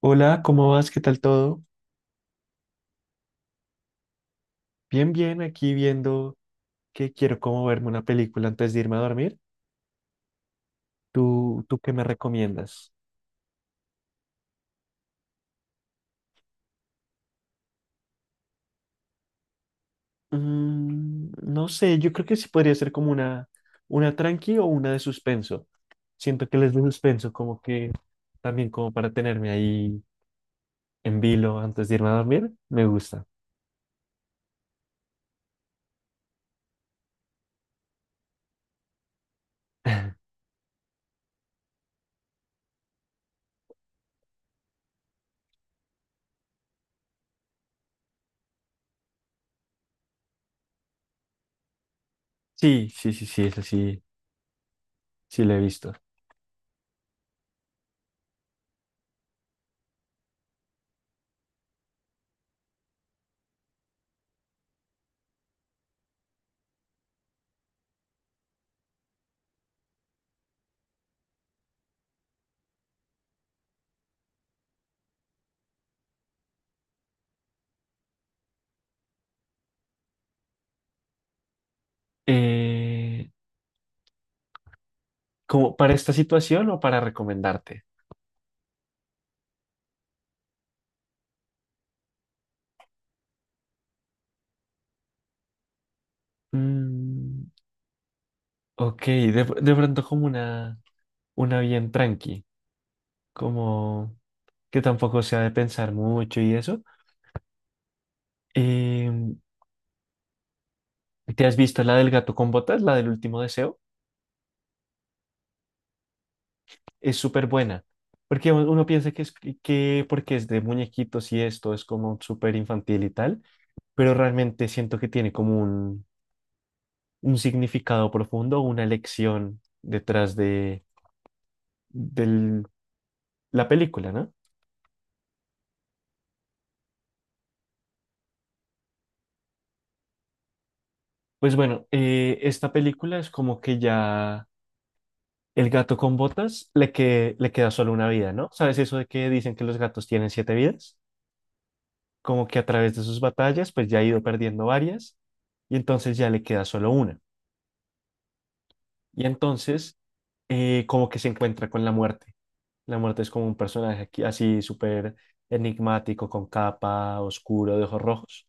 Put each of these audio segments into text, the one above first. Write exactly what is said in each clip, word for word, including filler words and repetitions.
Hola, ¿cómo vas? ¿Qué tal todo? Bien, bien, aquí viendo que quiero como verme una película antes de irme a dormir. ¿Tú, tú qué me recomiendas? Mm, no sé, yo creo que sí podría ser como una, una tranqui o una de suspenso. Siento que les de suspenso como que también como para tenerme ahí en vilo antes de irme a dormir, me gusta. Sí, sí, sí, sí, eso sí, sí lo he visto. Eh, ¿Como para esta situación o para recomendarte? Mm. Ok, de, de pronto como una, una bien tranqui, como que tampoco sea de pensar mucho y eso. Em, ¿Te has visto la del gato con botas, la del último deseo? Es súper buena, porque u- uno piensa que, es, que porque es de muñequitos y esto es como súper infantil y tal, pero realmente siento que tiene como un, un significado profundo, una lección detrás de, del- la película, ¿no? Pues bueno, eh, esta película es como que ya... El gato con botas le, que, le queda solo una vida, ¿no? ¿Sabes eso de que dicen que los gatos tienen siete vidas? Como que a través de sus batallas, pues ya ha ido perdiendo varias y entonces ya le queda solo una. Y entonces, eh, como que se encuentra con la muerte. La muerte es como un personaje aquí, así súper enigmático, con capa, oscuro, de ojos rojos.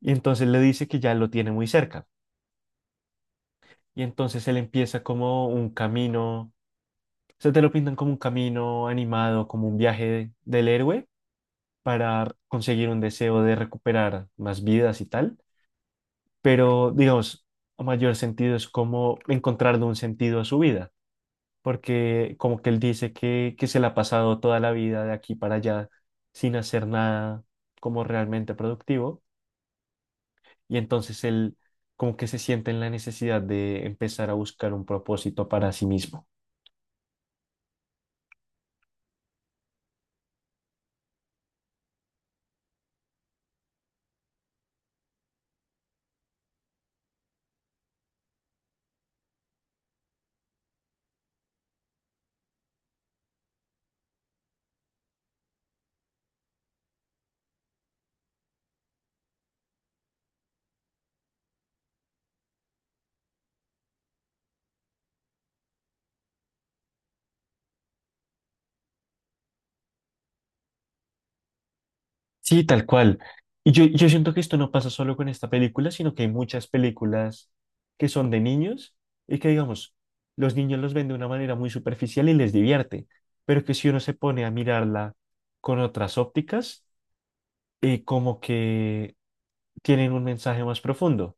Y entonces le dice que ya lo tiene muy cerca. Y entonces él empieza como un camino, se te lo pintan como un camino animado, como un viaje del héroe para conseguir un deseo de recuperar más vidas y tal, pero digamos, a mayor sentido es como encontrarle un sentido a su vida, porque como que él dice que, que se la ha pasado toda la vida de aquí para allá sin hacer nada como realmente productivo, y entonces él como que se siente en la necesidad de empezar a buscar un propósito para sí mismo. Sí, tal cual. Y yo, yo siento que esto no pasa solo con esta película, sino que hay muchas películas que son de niños y que, digamos, los niños los ven de una manera muy superficial y les divierte, pero que si uno se pone a mirarla con otras ópticas, eh, como que tienen un mensaje más profundo.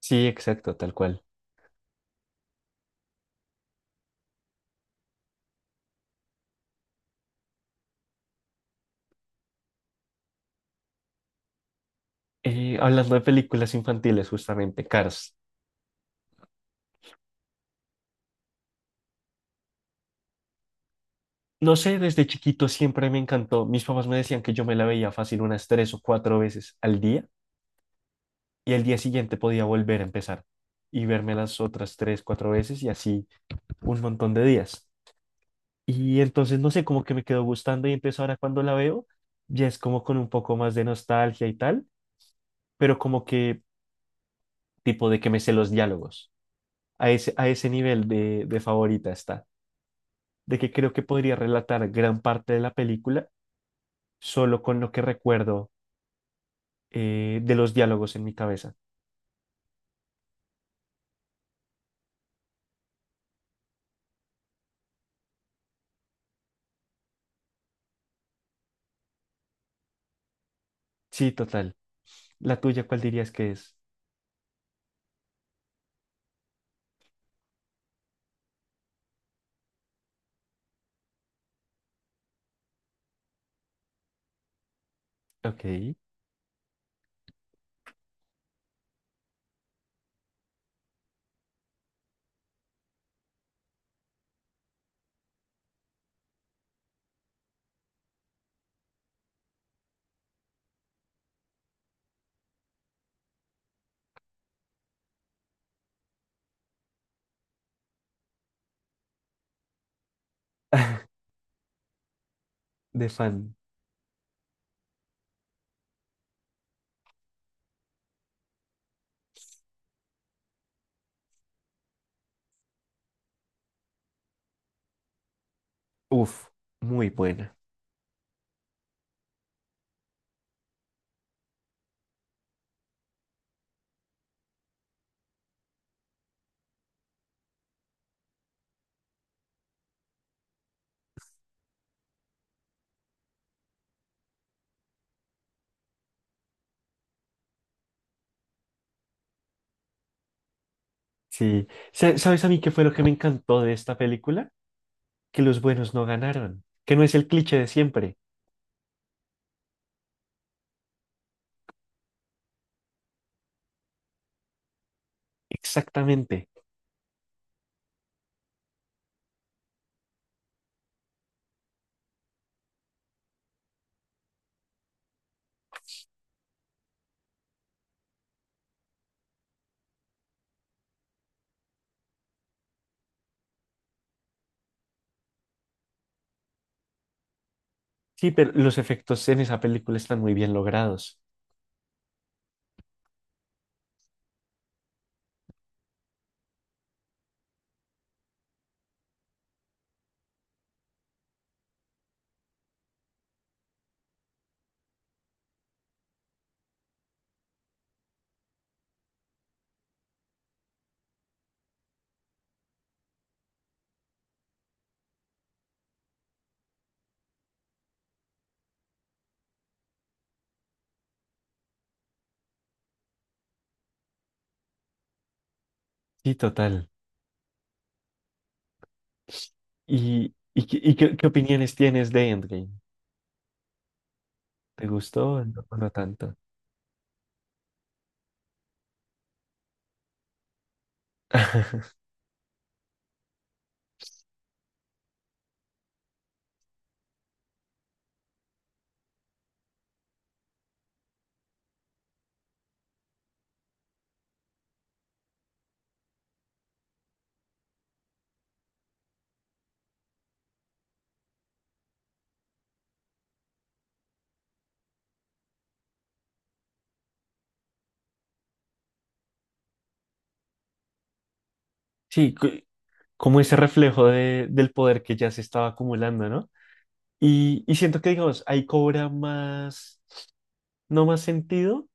Sí, exacto, tal cual. Eh, hablando de películas infantiles, justamente, Cars. No sé, desde chiquito siempre me encantó. Mis papás me decían que yo me la veía fácil unas tres o cuatro veces al día y el día siguiente podía volver a empezar y verme las otras tres, cuatro veces y así un montón de días. Y entonces, no sé, como que me quedó gustando y entonces ahora cuando la veo, ya es como con un poco más de nostalgia y tal, pero como que tipo de que me sé los diálogos. A ese, a ese nivel de, de favorita está, de que creo que podría relatar gran parte de la película solo con lo que recuerdo eh, de los diálogos en mi cabeza. Sí, total. ¿La tuya cuál dirías que es? Ok. De fan. Uf, muy buena. Sí. Sa- ¿Sabes a mí qué fue lo que me encantó de esta película? Que los buenos no ganaron, que no es el cliché de siempre. Exactamente. Sí, pero los efectos en esa película están muy bien logrados. Sí, total. ¿Y, y, qué, y qué- qué opiniones tienes de Endgame? ¿Te gustó o no, o no tanto? Sí, cu- como ese reflejo de- del poder que ya se estaba acumulando, ¿no? Y, y siento que, digamos, ahí cobra más. No más sentido,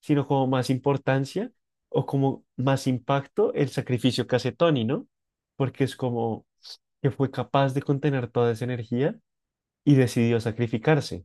sino como más importancia o como más impacto el sacrificio que hace Tony, ¿no? Porque es como que fue capaz de contener toda esa energía y decidió sacrificarse.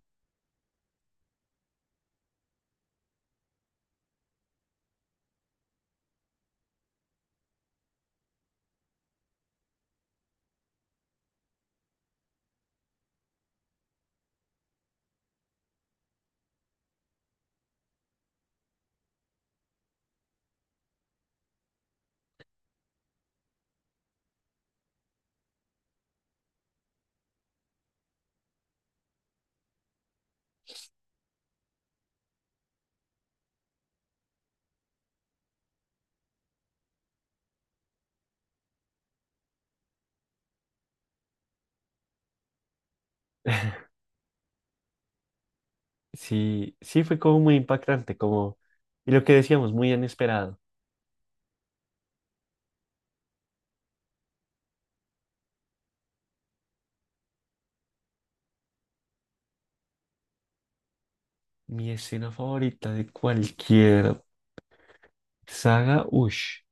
Sí, sí fue como muy impactante, como, y lo que decíamos, muy inesperado. Mi escena favorita de cualquier saga, ush.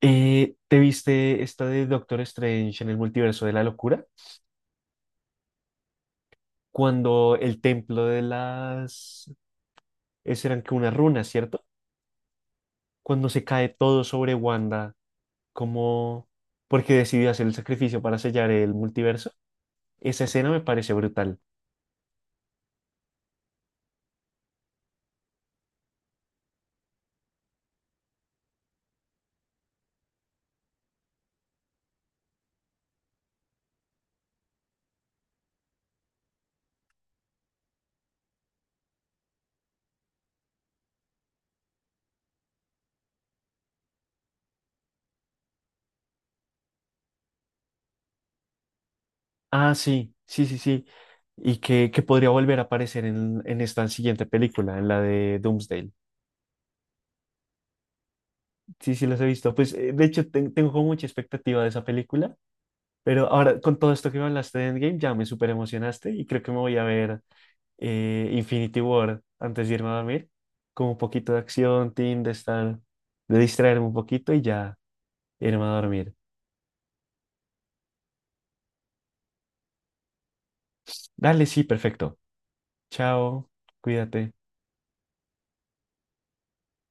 Eh, ¿te viste esta de Doctor Strange en el multiverso de la locura? Cuando el templo de las... Esas eran que unas runas, ¿cierto? Cuando se cae todo sobre Wanda, como porque decidió hacer el sacrificio para sellar el multiverso, esa escena me parece brutal. Ah, sí, sí, sí, sí. Y que, que podría volver a aparecer en, en esta siguiente película, en la de Doomsday. Sí, sí, las he visto. Pues eh, de hecho, ten- tengo como mucha expectativa de esa película. Pero ahora, con todo esto que me hablaste de Endgame, ya me súper emocionaste y creo que me voy a ver eh, Infinity War antes de irme a dormir, con un poquito de acción, team, de estar, de distraerme un poquito y ya irme a dormir. Dale, sí, perfecto. Chao, cuídate.